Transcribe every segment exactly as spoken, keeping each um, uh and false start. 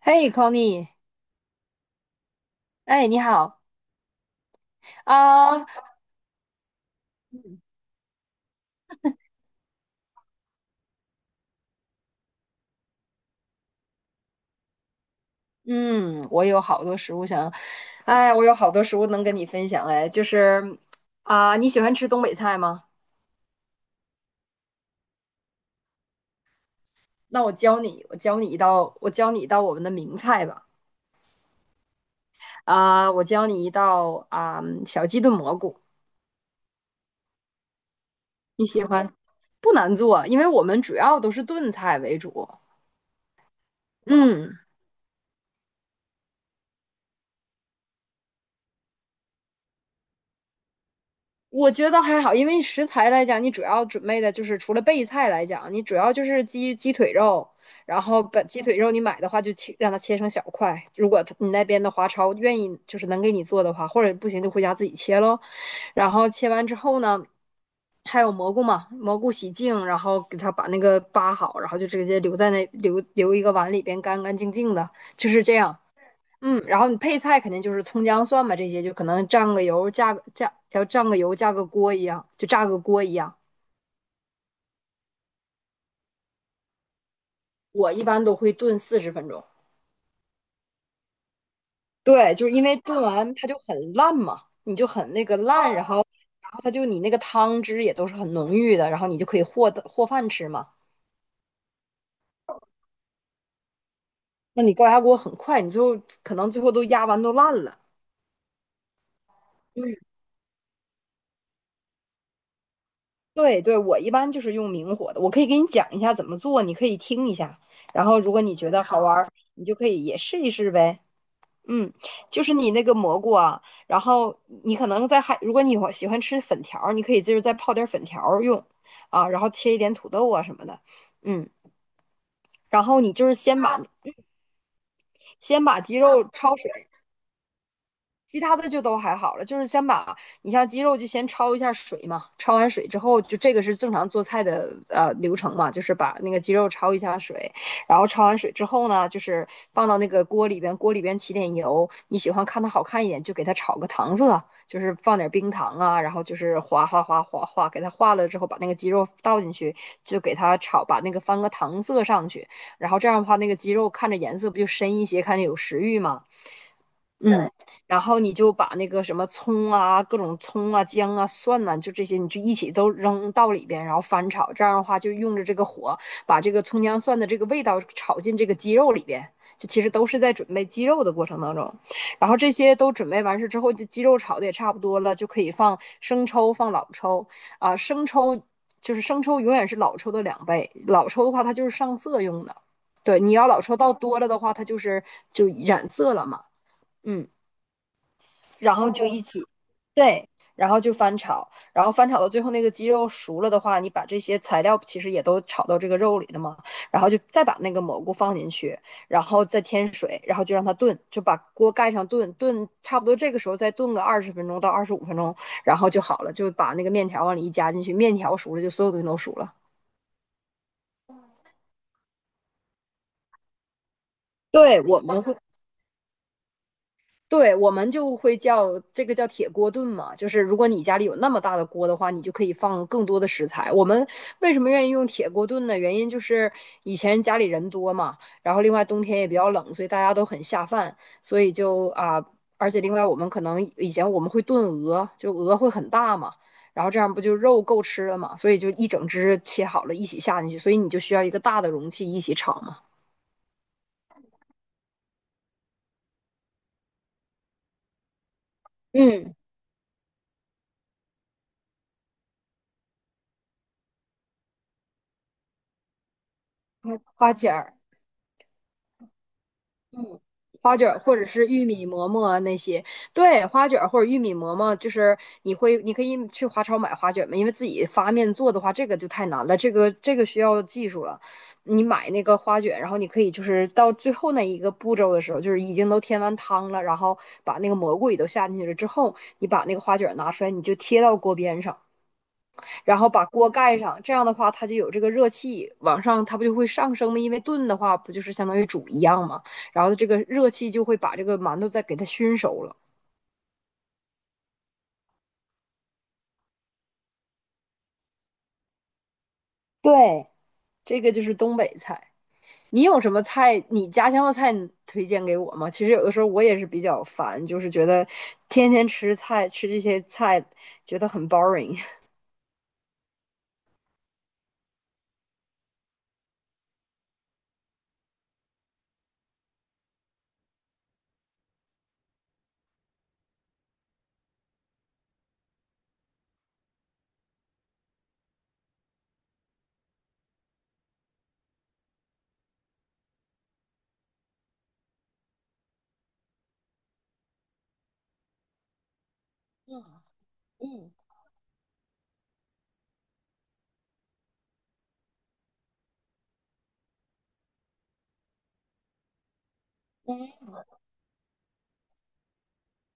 嘿，Connie，哎，你好啊。嗯嗯，我有好多食物想，哎，我有好多食物能跟你分享，哎，就是啊，你喜欢吃东北菜吗？那我教你，我教你一道，我教你一道我们的名菜吧，啊，我教你一道啊，小鸡炖蘑菇，你喜欢？不难做，因为我们主要都是炖菜为主，嗯。我觉得还好，因为食材来讲，你主要准备的就是除了备菜来讲，你主要就是鸡鸡腿肉，然后把鸡腿肉你买的话就切，让它切成小块。如果他你那边的华超愿意就是能给你做的话，或者不行就回家自己切咯。然后切完之后呢，还有蘑菇嘛，蘑菇洗净，然后给它把那个扒好，然后就直接留在那留留一个碗里边干干净净的，就是这样。嗯，然后你配菜肯定就是葱姜蒜嘛，这些就可能蘸个油，加个加，要蘸个油，加个锅一样，就炸个锅一样。我一般都会炖四十分钟，对，就是因为炖完它就很烂嘛，你就很那个烂，然后然后它就你那个汤汁也都是很浓郁的，然后你就可以和的和饭吃嘛。那你高压锅很快，你最后可能最后都压完都烂了。嗯，对对，我一般就是用明火的，我可以给你讲一下怎么做，你可以听一下，然后如果你觉得好玩儿，你就可以也试一试呗。嗯，就是你那个蘑菇啊，然后你可能在还，如果你喜欢吃粉条儿，你可以就是再泡点儿粉条儿用啊，然后切一点土豆啊什么的，嗯，然后你就是先把先把鸡肉焯水。其他的就都还好了，就是先把，你像鸡肉就先焯一下水嘛，焯完水之后，就这个是正常做菜的呃流程嘛，就是把那个鸡肉焯一下水，然后焯完水之后呢，就是放到那个锅里边，锅里边起点油，你喜欢看它好看一点，就给它炒个糖色，就是放点冰糖啊，然后就是哗哗哗哗哗，给它化了之后，把那个鸡肉倒进去，就给它炒，把那个翻个糖色上去，然后这样的话，那个鸡肉看着颜色不就深一些，看着有食欲嘛。嗯，然后你就把那个什么葱啊、各种葱啊、姜啊、蒜呐、就这些，你就一起都扔到里边，然后翻炒。这样的话，就用着这个火，把这个葱姜蒜的这个味道炒进这个鸡肉里边。就其实都是在准备鸡肉的过程当中，然后这些都准备完事之后，这鸡肉炒的也差不多了，就可以放生抽、放老抽啊。生抽就是生抽，永远是老抽的两倍。老抽的话，它就是上色用的。对，你要老抽倒多了的话，它就是就染色了嘛。嗯。然后就一起，对，然后就翻炒，然后翻炒到最后那个鸡肉熟了的话，你把这些材料其实也都炒到这个肉里了嘛，然后就再把那个蘑菇放进去，然后再添水，然后就让它炖，就把锅盖上炖，炖差不多这个时候再炖个二十分钟到二十五分钟，然后就好了，就把那个面条往里一加进去，面条熟了就所有东西都熟了。对，我们会，对，我们就会叫这个叫铁锅炖嘛，就是如果你家里有那么大的锅的话，你就可以放更多的食材。我们为什么愿意用铁锅炖呢？原因就是以前家里人多嘛，然后另外冬天也比较冷，所以大家都很下饭，所以就啊，而且另外我们可能以前我们会炖鹅，就鹅会很大嘛，然后这样不就肉够吃了嘛，所以就一整只切好了一起下进去，所以你就需要一个大的容器一起炒嘛。嗯，花钱儿。花卷儿或者是玉米馍馍啊那些，对，花卷儿或者玉米馍馍，就是你会，你可以去华超买花卷嘛，因为自己发面做的话，这个就太难了，这个这个需要技术了。你买那个花卷，然后你可以就是到最后那一个步骤的时候，就是已经都添完汤了，然后把那个蘑菇也都下进去了之后，你把那个花卷儿拿出来，你就贴到锅边上。然后把锅盖上，这样的话它就有这个热气往上，它不就会上升吗？因为炖的话不就是相当于煮一样吗？然后这个热气就会把这个馒头再给它熏熟了。对，这个就是东北菜。你有什么菜？你家乡的菜你推荐给我吗？其实有的时候我也是比较烦，就是觉得天天吃菜，吃这些菜觉得很 boring。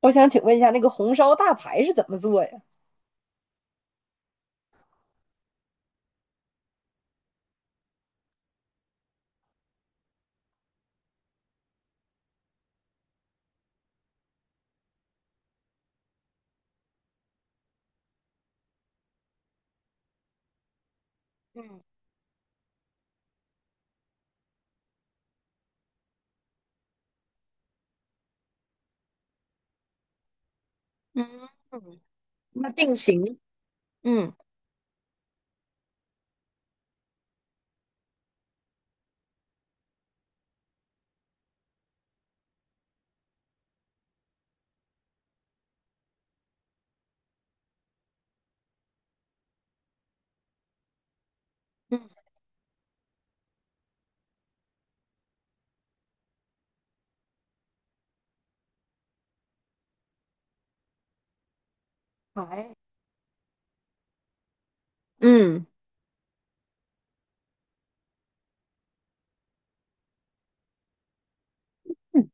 我想请问一下，那个红烧大排是怎么做呀？嗯嗯嗯，那定型，嗯，嗯，排，嗯，嗯，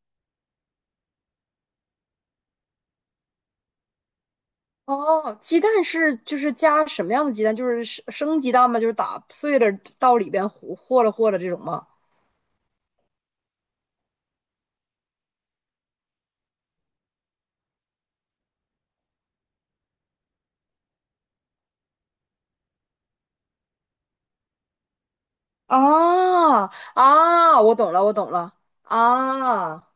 哦，鸡蛋是就是加什么样的鸡蛋？就是生生鸡蛋吗？就是打碎了到里边和和了和了这种吗？啊，啊，我懂了，我懂了，啊，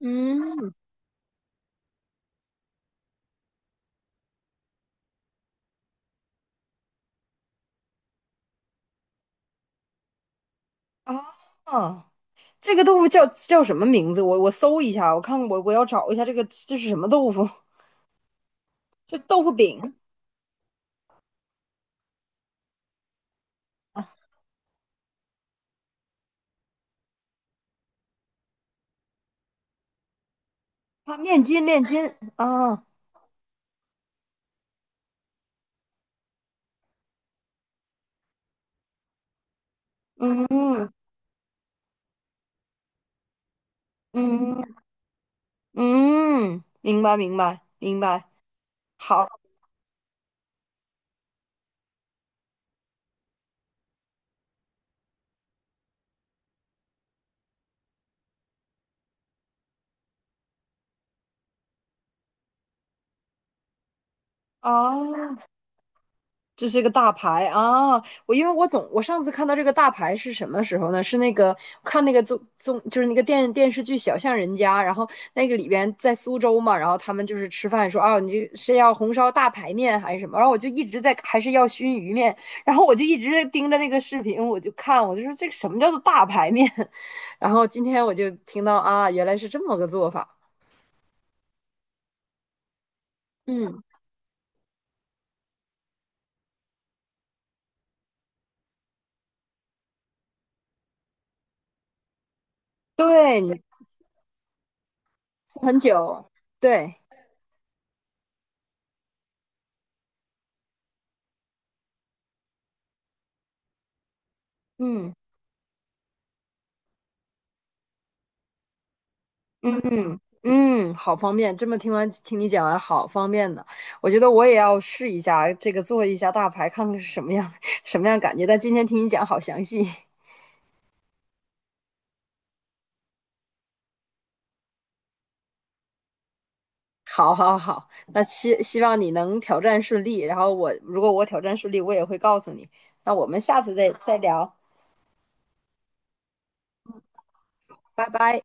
嗯，啊，这个豆腐叫叫什么名字？我我搜一下，我看我我要找一下这个这是什么豆腐？这豆腐饼啊，面筋面筋啊，嗯嗯嗯，嗯，明白明白明白，好啊，哦，这是一个大牌啊！我因为我总我上次看到这个大牌是什么时候呢？是那个看那个综综就是那个电电视剧《小巷人家》，然后那个里边在苏州嘛，然后他们就是吃饭说啊，你这是要红烧大排面还是什么？然后我就一直在还是要熏鱼面，然后我就一直盯着那个视频，我就看，我就说这个什么叫做大排面？然后今天我就听到啊，原来是这么个做法。嗯，对，你很久，对，嗯。嗯嗯，好方便。这么听完听你讲完，好方便的。我觉得我也要试一下这个做一下大牌，看看是什么样 什么样感觉。但今天听你讲好详细，好好好。那希希望你能挑战顺利。然后我如果我挑战顺利，我也会告诉你。那我们下次再再聊，拜拜。